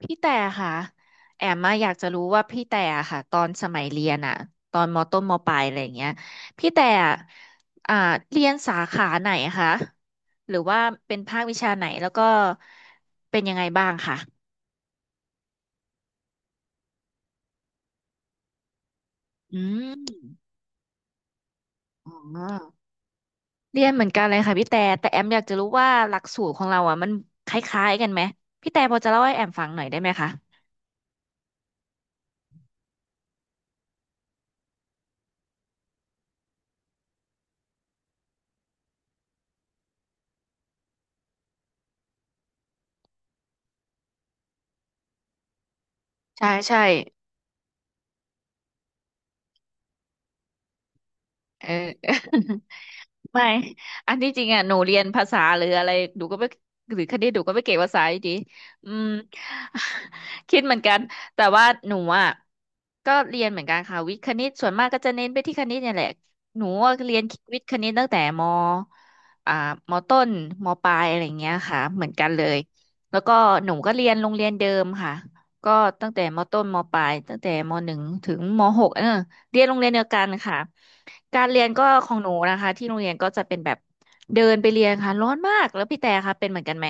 พี่แต่ค่ะแอมมาอยากจะรู้ว่าพี่แต่อะค่ะตอนสมัยเรียนอะตอนมต้นมปลายอะไรอย่างเงี้ยพี่แต่อะอ่าเรียนสาขาไหนคะหรือว่าเป็นภาควิชาไหนแล้วก็เป็นยังไงบ้างค่ะอืมอ๋อเรียนเหมือนกันเลยค่ะพี่แต่แต่แอมอยากจะรู้ว่าหลักสูตรของเราอะมันคล้ายๆกันไหมพี่แต่พอจะเล่าให้แอมฟังหน่อยได้ไหมคะใช่ใช่เออ ไม่อันที่จริงอ่ะหนูเรียนภาษาหรืออะไรหนูก็ไม่หรือคณิตหนูก็ไม่เก่งภาษาอยู่ดีอืม คิดเหมือนกันแต่ว่าหนูอ่ะก็เรียนเหมือนกันค่ะวิทย์คณิตส่วนมากก็จะเน้นไปที่คณิตเนี่ยแหละหนูอะเรียนวิทย์คณิตตั้งแต่มอ่ามต้นมปลายอะไรอย่างเงี้ยค่ะเหมือนกันเลยแล้วก็หนูก็เรียนโรงเรียนเดิมค่ะก็ตั้งแต่มต้นมปลายตั้งแต่มหนึ่งถึงมหกเออเรียนโรงเรียนเดียวกันค่ะ การเรียนก็ของหนูนะคะที่โรงเรียนก็จะเป็นแบบเดินไปเรียนค่ะร้อนมากแล้วพี่แต่ค่ะเป็นเหมือนกันไหม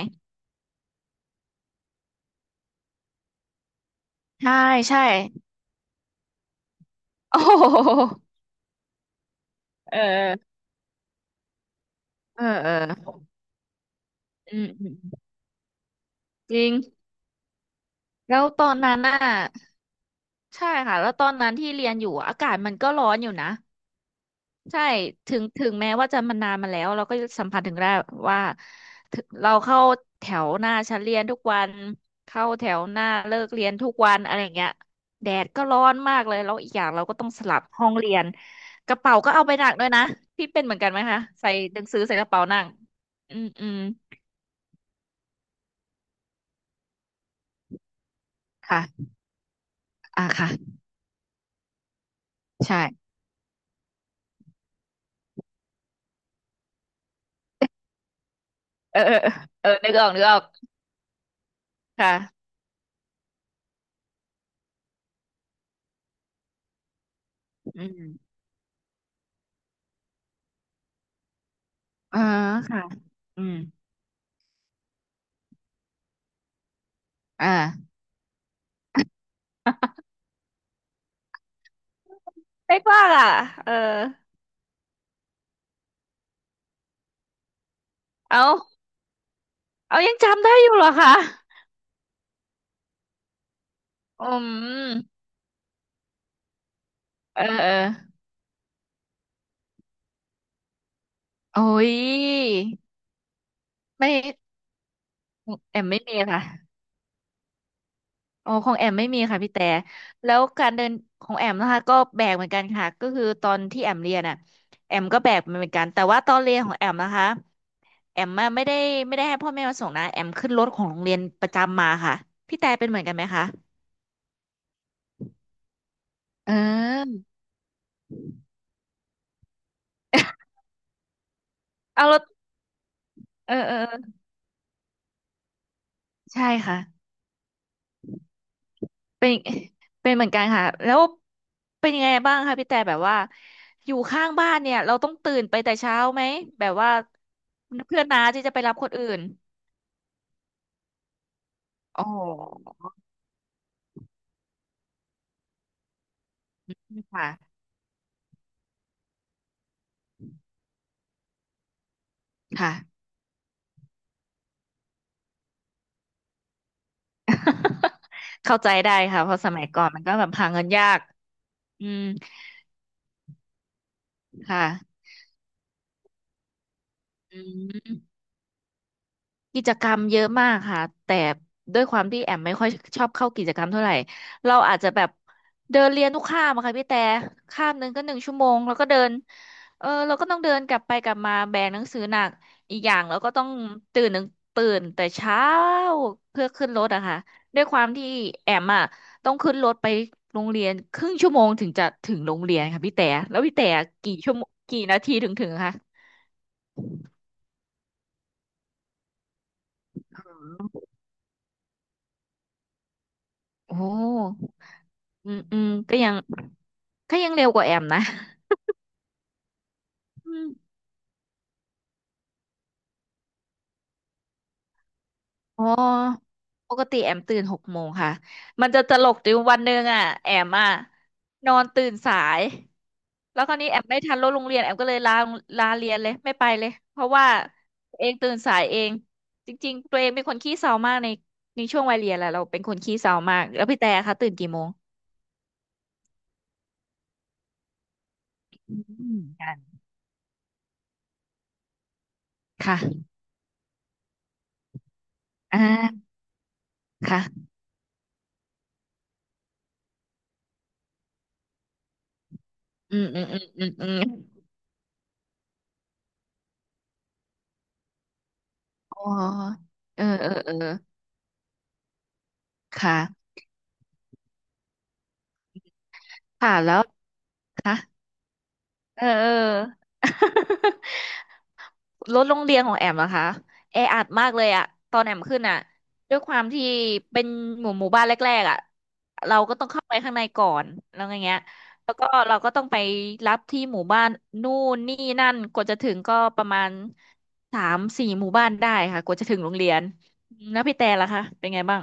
ใช่ใช่ โอ้โหเออเออเอออืมอืมจริงแล้วตอนนั้นน่ะใช่ค่ะแล้วตอนนั้นที่เรียนอยู่อากาศมันก็ร้อนอยู่นะ ใช่ถึงแม้ว่าจะมันนานมาแล้วเราก็สัมผัสถึงได้ว่าถึงเราเข้าแถวหน้าชั้นเรียนทุกวันเข้าแถวหน้าเลิกเรียนทุกวันอะไรอย่างเงี้ยแดดก็ร้อนมากเลยแล้วอีกอย่างเราก็ต้องสลับห้องเรียนกระเป๋าก็เอาไปหนักด้วยนะพี่เป็นเหมือนกันไหมคะใส่หนังสือใส่กระเป๋าหนักอืมอืมค่ะค่ะใช่เออเออเออเออนึกออกนึกออกค่ะอืมอ่าค่ะอืมอ่าเป๊กว่าล่ะเออเอา เอายังจำได้อยู่เหรอคะอืมเออเออโอ้ยไม่แอมไม่มีค่ะโอ้ของแอมไม่มีค่ะพี่แต่แล้วการเดินของแอมนะคะก็แบกเหมือนกันค่ะก็คือตอนที่แอมเรียนอ่ะแอมก็แบกมันเหมือนกันแต่ว่าตอนเรียนของแอมนะคะแอมอะไม่ได้ให้พ่อแม่มาส่งนะแอมขึ้นรถของโรงเรียนประจำมาค่ะพี่แต่เป็นเหมือนกันไหมคะเออเอารถเออเออเออใช่ค่ะเป็นเป็นเหมือนกันค่ะแล้ว เป็นยังไงบ้างคะพี่แต่แบบว่าอยู่ข้างบ้านเนี่ยเราต้องตื่นไปแต่เช้าไหมแบบว่าเพื่อนน้าที่จะไปรับคนอื่นอ๋อค่ะค่ะ เข้าใจได้ค่ะเพราะสมัยก่อนมันก็แบบหาเงินยากอืมค่ะอืม กิจกรรมเยอะมากค่ะแต่ด้วยความที่แอมไม่ค่อยชอบเข้ากิจกรรมเท่าไหร่เราอาจจะแบบเดินเรียนทุกคาบอะค่ะพี่แต่คาบหนึ่งก็หนึ่งชั่วโมงแล้วก็เดินเออเราก็ต้องเดินกลับไปกลับมาแบกหนังสือหนักอีกอย่างเราก็ต้องตื่นหนึ่งตื่นแต่เช้าเพื่อขึ้นรถอะค่ะด้วยความที่แอมอะต้องขึ้นรถไปโรงเรียนครึ่งชั่วโมงถึงจะถึงโรงเรียนค่ะพี่แต่แล้วพี่แต่กี่ชั่วโมงกี่นาทีถึงถึงคะโอ้อืมอืมก็ยังเร็วกว่าแอมนะอืมอ๋อปกติแอมตื่นหกโมงค่ะมันจะตลกจริงวันหนึ่งอ่ะแอมอ่ะนอนตื่นสายแล้วคราวนี้แอมไม่ทันรถโรงเรียนแอมก็เลยลาเรียนเลยไม่ไปเลยเพราะว่าตัวเองตื่นสายเองจริงๆตัวเองเป็นคนขี้เศร้ามากในช่วงวัยเรียนแหละเราเป็นคนขี้เศร้ามากแล้วพี่แต่คะตื่นกี่โมงอืมกันค่ะอ่าค่ะอืมอืมอืมอืมอืมอ๋อเออเออเออค่ะค่ะแล้วค่ะ เออ เออ รถโรงเรียนของแอมอะคะแออัดมากเลยอะตอนแอมขึ้นอะด้วยความที่เป็นหมู่บ้านแรกๆอะเราก็ต้องเข้าไปข้างในก่อนแล้วอย่างเงี้ยแล้วก็เราก็ต้องไปรับที่หมู่บ้านนู่นนี่นั่นกว่าจะถึงก็ประมาณสามสี่หมู่บ้านได้ค่ะกว่าจะถึงโรงเรียนอืมแล้วพี่แต่ล่ะคะเป็นไงบ้าง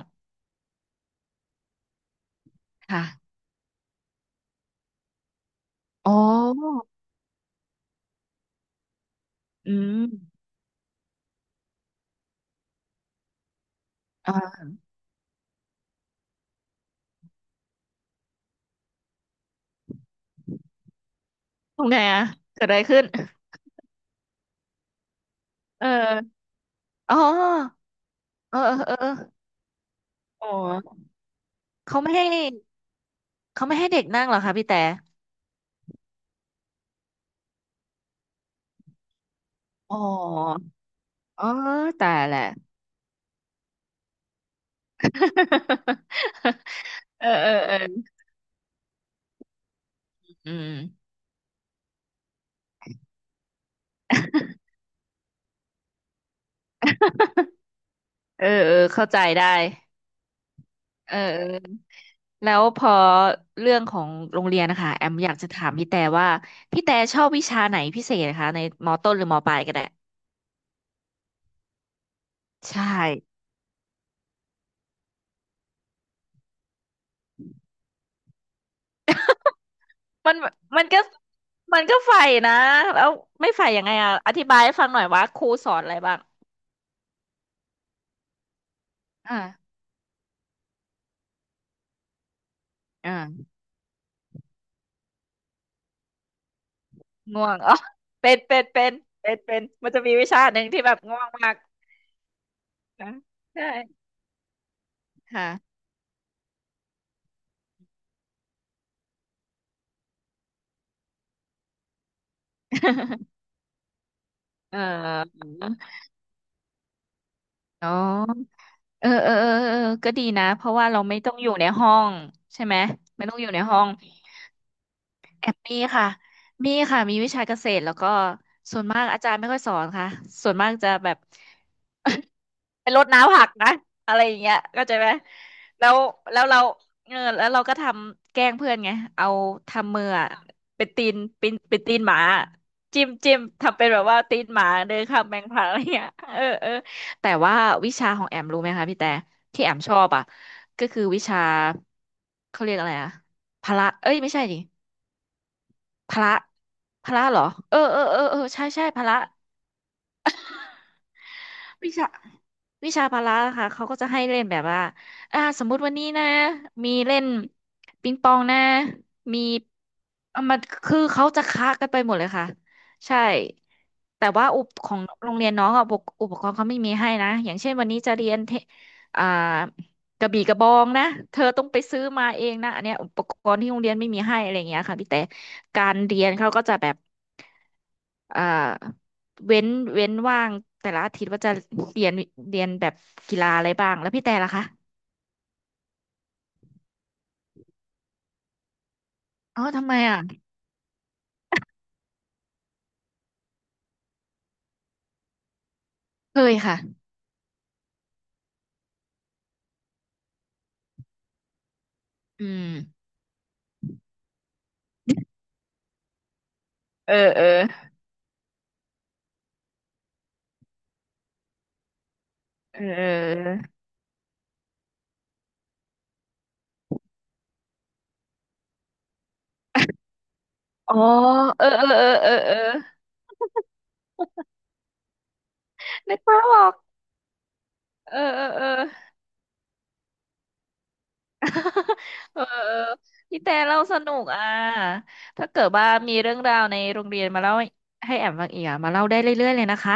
ค่ะอ๋ออืมอ่าทำไงอะเกิดอะไรขึ้นเอออ๋อเออเออเออ อ๋อเขาไม่ให้เขาไม่ให้เด็กนั่งเหรอคะพี่แต่ อ๋ออ๋อตายแหละ เออเออเอออืม เออเออเข้าใจได้เออเออแล้วพอเรื่องของโรงเรียนนะคะแอมอยากจะถามพี่แต่ว่าพี่แต่ชอบวิชาไหนพิเศษนะคะในมอต้นหรือมอปลายก็ได้ใช่มันมันก็มันก็ใฝ่นะแล้วไม่ใฝ่ยังไงอ่ะอธิบายให้ฟังหน่อยว่าครูสอนอะไรบ้างอ่าอ่า ง่วงอ๋อเป็นเป็นเป็นเป็นมันจะมีวิชาหนึ่งที่แบบง่วงมากนะใช่ค่ะ เอออ๋อเออเออเออเออก็ดีนะเพราะว่าเราไม่ต้องอยู่ในห้องใช่ไหมไม่ต้องอยู่ในห้องแอบมีค่ะมีค่ะมีวิชาเกษตรแล้วก็ส่วนมากอาจารย์ไม่ค่อยสอนค่ะส่วนมากจะแบบ เป็นรดน้ำผักนะอะไรอย่างเงี้ยเข้าใจไหมแล้วแล้วเราเออแล้วเราก็ทำแกล้งเพื่อนไงเอาทำมืออะเป็นตีนเป็นตีนหมาจิ้มทำเป็นแบบว่าตีนหมาเดินข้ามแมงผาอะไรเงี้ยเออเออแต่ว่าวิชาของแอมรู้ไหมคะพี่แต่ที่แอมชอบอ่ะก็คือวิชาเขาเรียกอะไรอะพละเอ้ยไม่ใช่ดิพละพละเหรอเออเออเออเออใช่ใช่พละ วิชาวิชาพละค่ะเขาก็จะให้เล่นแบบว่าอ่าสมมุติวันนี้นะมีเล่นปิงปองนะมีอ่ะมันคือเขาจะคะกันไปหมดเลยค่ะใช่แต่ว่าอุปของโรงเรียนน้องอ่ะอุปกรณ์เขาไม่มีให้นะอย่างเช่นวันนี้จะเรียนเทอ่ากระบี่กระบองนะเธอต้องไปซื้อมาเองนะอันเนี้ยอุปกรณ์ที่โรงเรียนไม่มีให้อะไรอย่างเงี้ยค่ะพี่แต่การเรียนเขาก็จะแบบ อ่าเว้นเว้นว่างแต่ละอาทิตย์ว่าจะเรียนเรียนแบบกีฬาอะไรบ้างแล้วพี่แต่ล่ะคะอ๋อทำไมอ่ะเคยค่ะอืมเออเออเออเอออ๋อเออเออเออเออเออนึกภาพออกเออเออเออ เออเออพี่แต่เล่าสนุกอ่ะถ้าเกิดว่ามีเรื่องราวในโรงเรียนมาเล่าให้แอมฟังอีกอ่ะมาเล่าได้เรื่อยๆเลยนะคะ